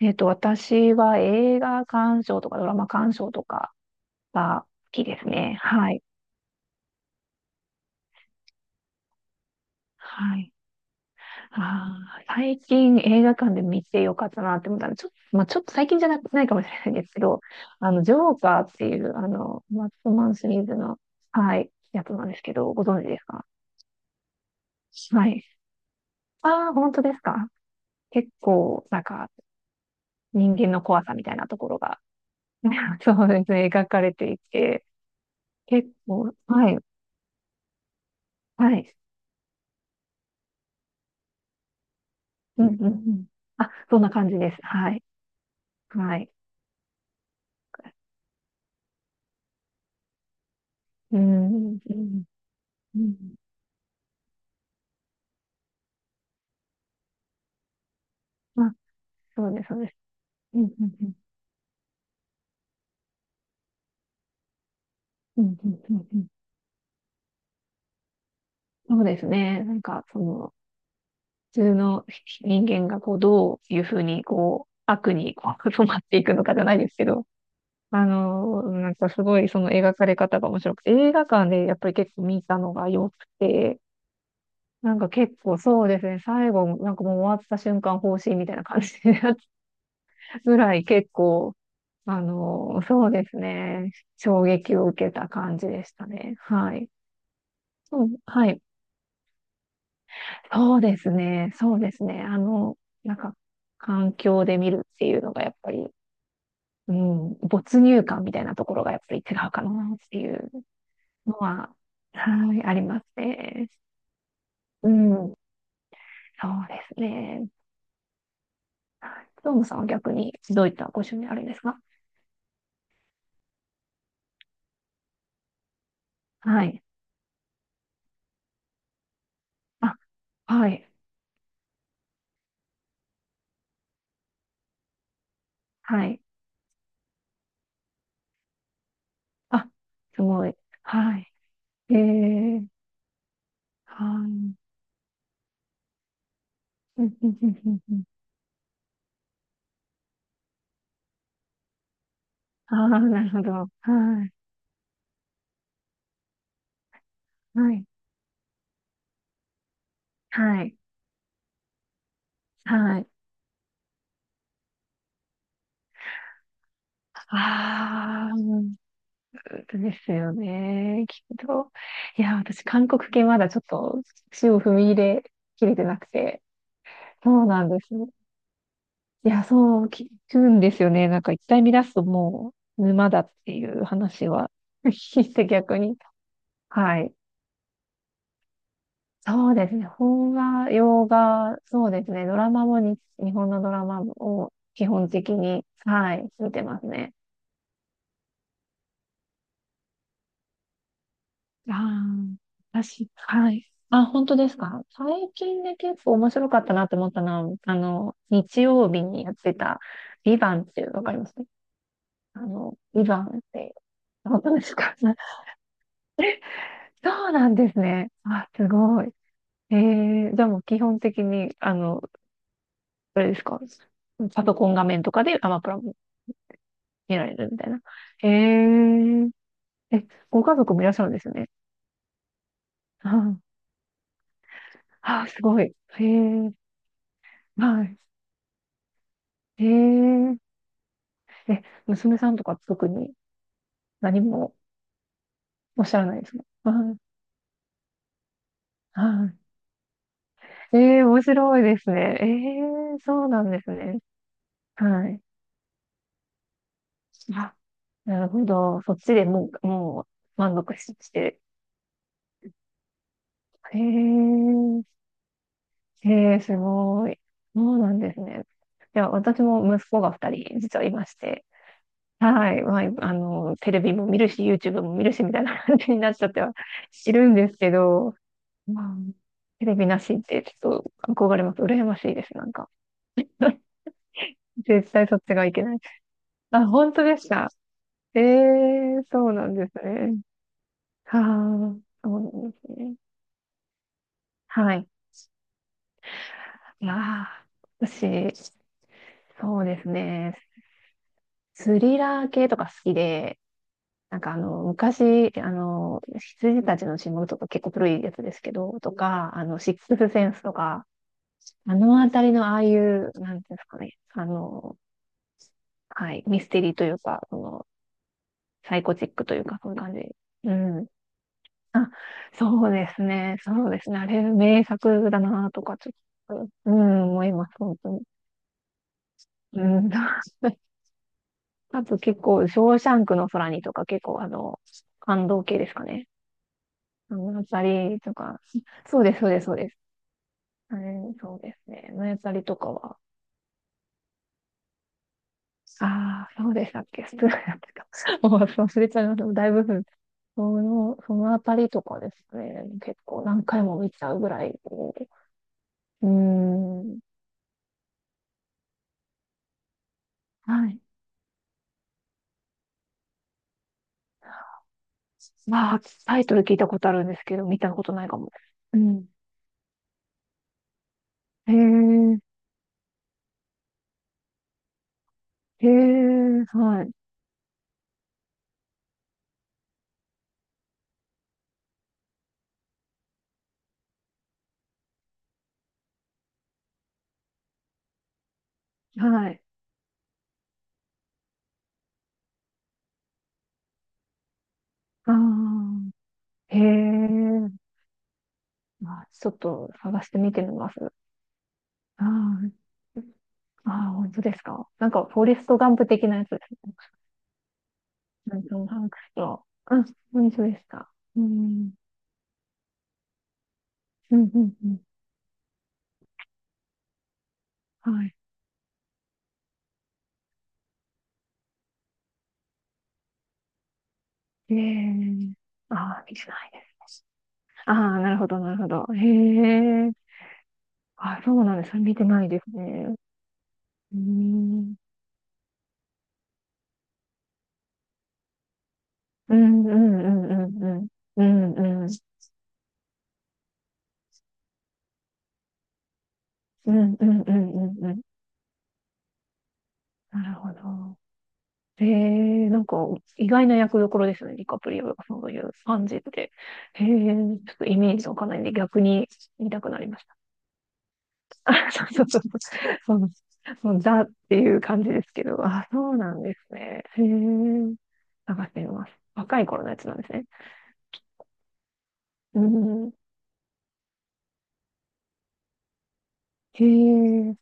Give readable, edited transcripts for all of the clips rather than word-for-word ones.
私は映画鑑賞とかドラマ鑑賞とかが好きですね。はい。はい。最近映画館で見てよかったなって思ったの。ちょっと、まあ、ちょっと最近じゃな、ないかもしれないんですけど、あの、ジョーカーっていう、あの、マットマンシリーズの、はい、やつなんですけど、ご存知ですか？はい。ああ、本当ですか？結構、なんか、人間の怖さみたいなところが、そうですね、描かれていて、結構、はい、はい。うんうんうん。あ、そんな感じです。はい。はい。うん、うん、うん。まあ、そうです、そうです。うん、うん、うん、うん、うん、うんうん。そうですね。なんか、その、普通の人間が、こう、どういうふうに、こう、悪に、こう 染まっていくのかじゃないですけど、あの、なんか、すごい、その描かれ方が面白くて、映画館で、やっぱり結構見たのが良くて、なんか結構そうですね、最後、なんかもう終わった瞬間、方針みたいな感じで、ぐらい結構、あの、そうですね。衝撃を受けた感じでしたね。はい。うん、はい。そうですね。そうですね。あの、なんか、環境で見るっていうのがやっぱり、うん、没入感みたいなところがやっぱり違うかなっていうのは、はい、ありますね。うん、そうですね。はい。どうもさんは逆にどういったご趣味あるんですか？はい。あ、はい。はい。あ、すごい。はい。ええ、はい。うんうんうんうん。ああ、なるほど。はい。はい。はい。はい。ああ、うん、そうですよね。きっと。いや、私、韓国系まだちょっと足を踏み入れきれてなくて。そうなんです。いや、そう聞くんですよね。なんか一回見出すともう沼だっていう話は 聞いて逆に。はい。そうですね。邦画、洋画、そうですね。ドラマもに、日本のドラマを基本的に、はい、見てますね。ああ、私、はい。あ、本当ですか？最近で結構面白かったなって思ったのは、あの、日曜日にやってた、ビバンっていう、わかります？あの、ビバンって、本当ですか？ そうなんですね。あ、すごい。えじゃあもう基本的に、あの、あれですか？パソコン画面とかでアマプラ見られるみたいな。へえ。え、ご家族もいらっしゃるんですよね。ああ、すごい。へえ。はい。へえ。え、娘さんとか特に何もおっしゃらないですか？はい。はい。ええ、面白いですね。ええ、そうなんですね。はい。あ、なるほど。そっちでもう、もう満足し、して。へえ。へえ、すごい。そうなんですね。いや、私も息子が二人実はいまして、はい。まあ、あの、テレビも見るし、YouTube も見るし、みたいな感じになっちゃってはいるんですけど、まあ、テレビなしってちょっと憧れます。羨ましいです、なんか。絶対そっちがいけない。あ、本当ですか。ええ、そうなんですね。はあ、そうなんですね。はい。いやー、私、そうですね。スリラー系とか好きで、なんかあの、昔、あの、羊たちの沈黙とか結構古いやつですけど、とか、あの、シックスセンスとか、あのあたりのああいう、なんていうんですかね、あの、はい、ミステリーというか、その、サイコチックというか、そういう感じ。うん。そうですね、そうですね、あれ、名作だなとか、ちょっと、うん、思います、本当に。うん。あと結構、ショーシャンクの空にとか、結構、あの、感動系ですかね。あのあたりとか、そうです、そうです、そうです。うん、そうですね。のやたりとかは。ああ、そうでしたっけ？スプーンやってた。もう忘れちゃいました。だいぶ、その、そのあたりとかですね。結構何回も見ちゃうぐらい。うーん。はい。まあ、タイトル聞いたことあるんですけど、見たことないかも。うん。へえ、へえ、はい、はい。ああ、へえ。まあ、ちょっと探してみてみます。はい。ああ、本当ですか。なんか、フォレストガンプ的なやつですね。なんかトムハンクスと。あ、本当ですか。うん。うん、うん、うん。はい。ええ。ああ、見てないです。ああ、なるほど、なるほど。へえ。あ、そうなんですね。見てないですね。うん。うん、うん、うん、うん、うん。うん、うん。うん、うん、うん、うん、うん。なるほど。ええ、なんか意外な役どころですね、ディカプリオがそういう感じって。ええ、ちょっとイメージわかんないんで逆に見たくなりました。そうそうそう。その、そのザっていう感じですけど、あ、そうなんですね。へえ。探してみます。若い頃のやつなんですね。うん。へえ、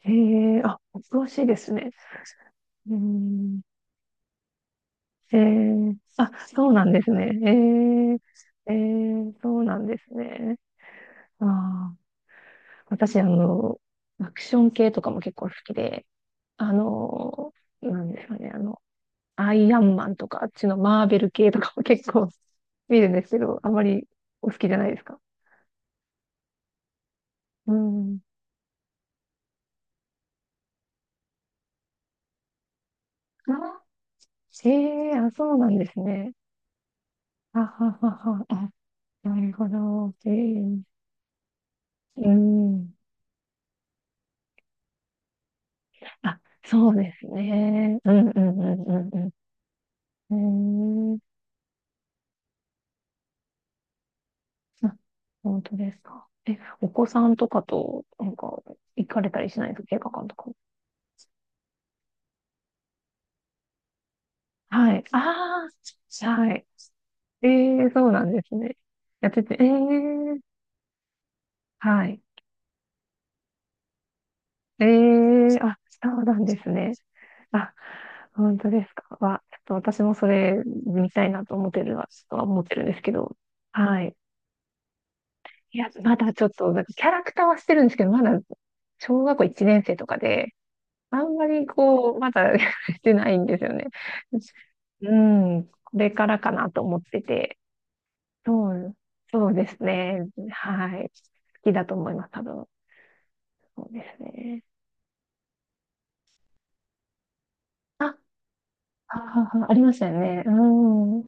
へえ、あ、恐ろしいですね。うん。へえ、あ、そうなんですね。へえ、へえ、そうなんですね。ああ。私、あの、アクション系とかも結構好きで、あの、なんですかね、あの、アイアンマンとか、あっちのマーベル系とかも結構 見るんですけど、あまりお好きじゃないですか？うん。あ、ええ、あ、そうなんですね。あははは、あ、なるほど。ええ、うん。あ、そうですね。うんうんうんうんうん。うん。あ、本当ですか。え、お子さんとかと、なんか、行かれたりしないですか？映画館とか。はい。ああ、はい。ええ、そうなんですね。やってて、ええ、はい。ええ、あ、そうなんですね。あ、本当ですか。わ、ちょっと私もそれ見たいなと思ってるは、ちょっとは思ってるんですけど。はい。いや、まだちょっと、なんかキャラクターはしてるんですけど、まだ小学校1年生とかで、あんまりこう、まだ してないんですよね。うん、これからかなと思ってて。そう、そうですね。はい。好きだと思います、多分。そうですね。あ、ははは、ありましたよね。う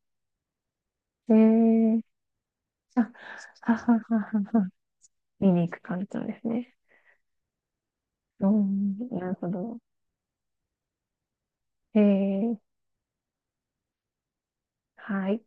ん。えー、あ、ははははは。見に行く感じなんですね。うん、なるほど。えー、はい。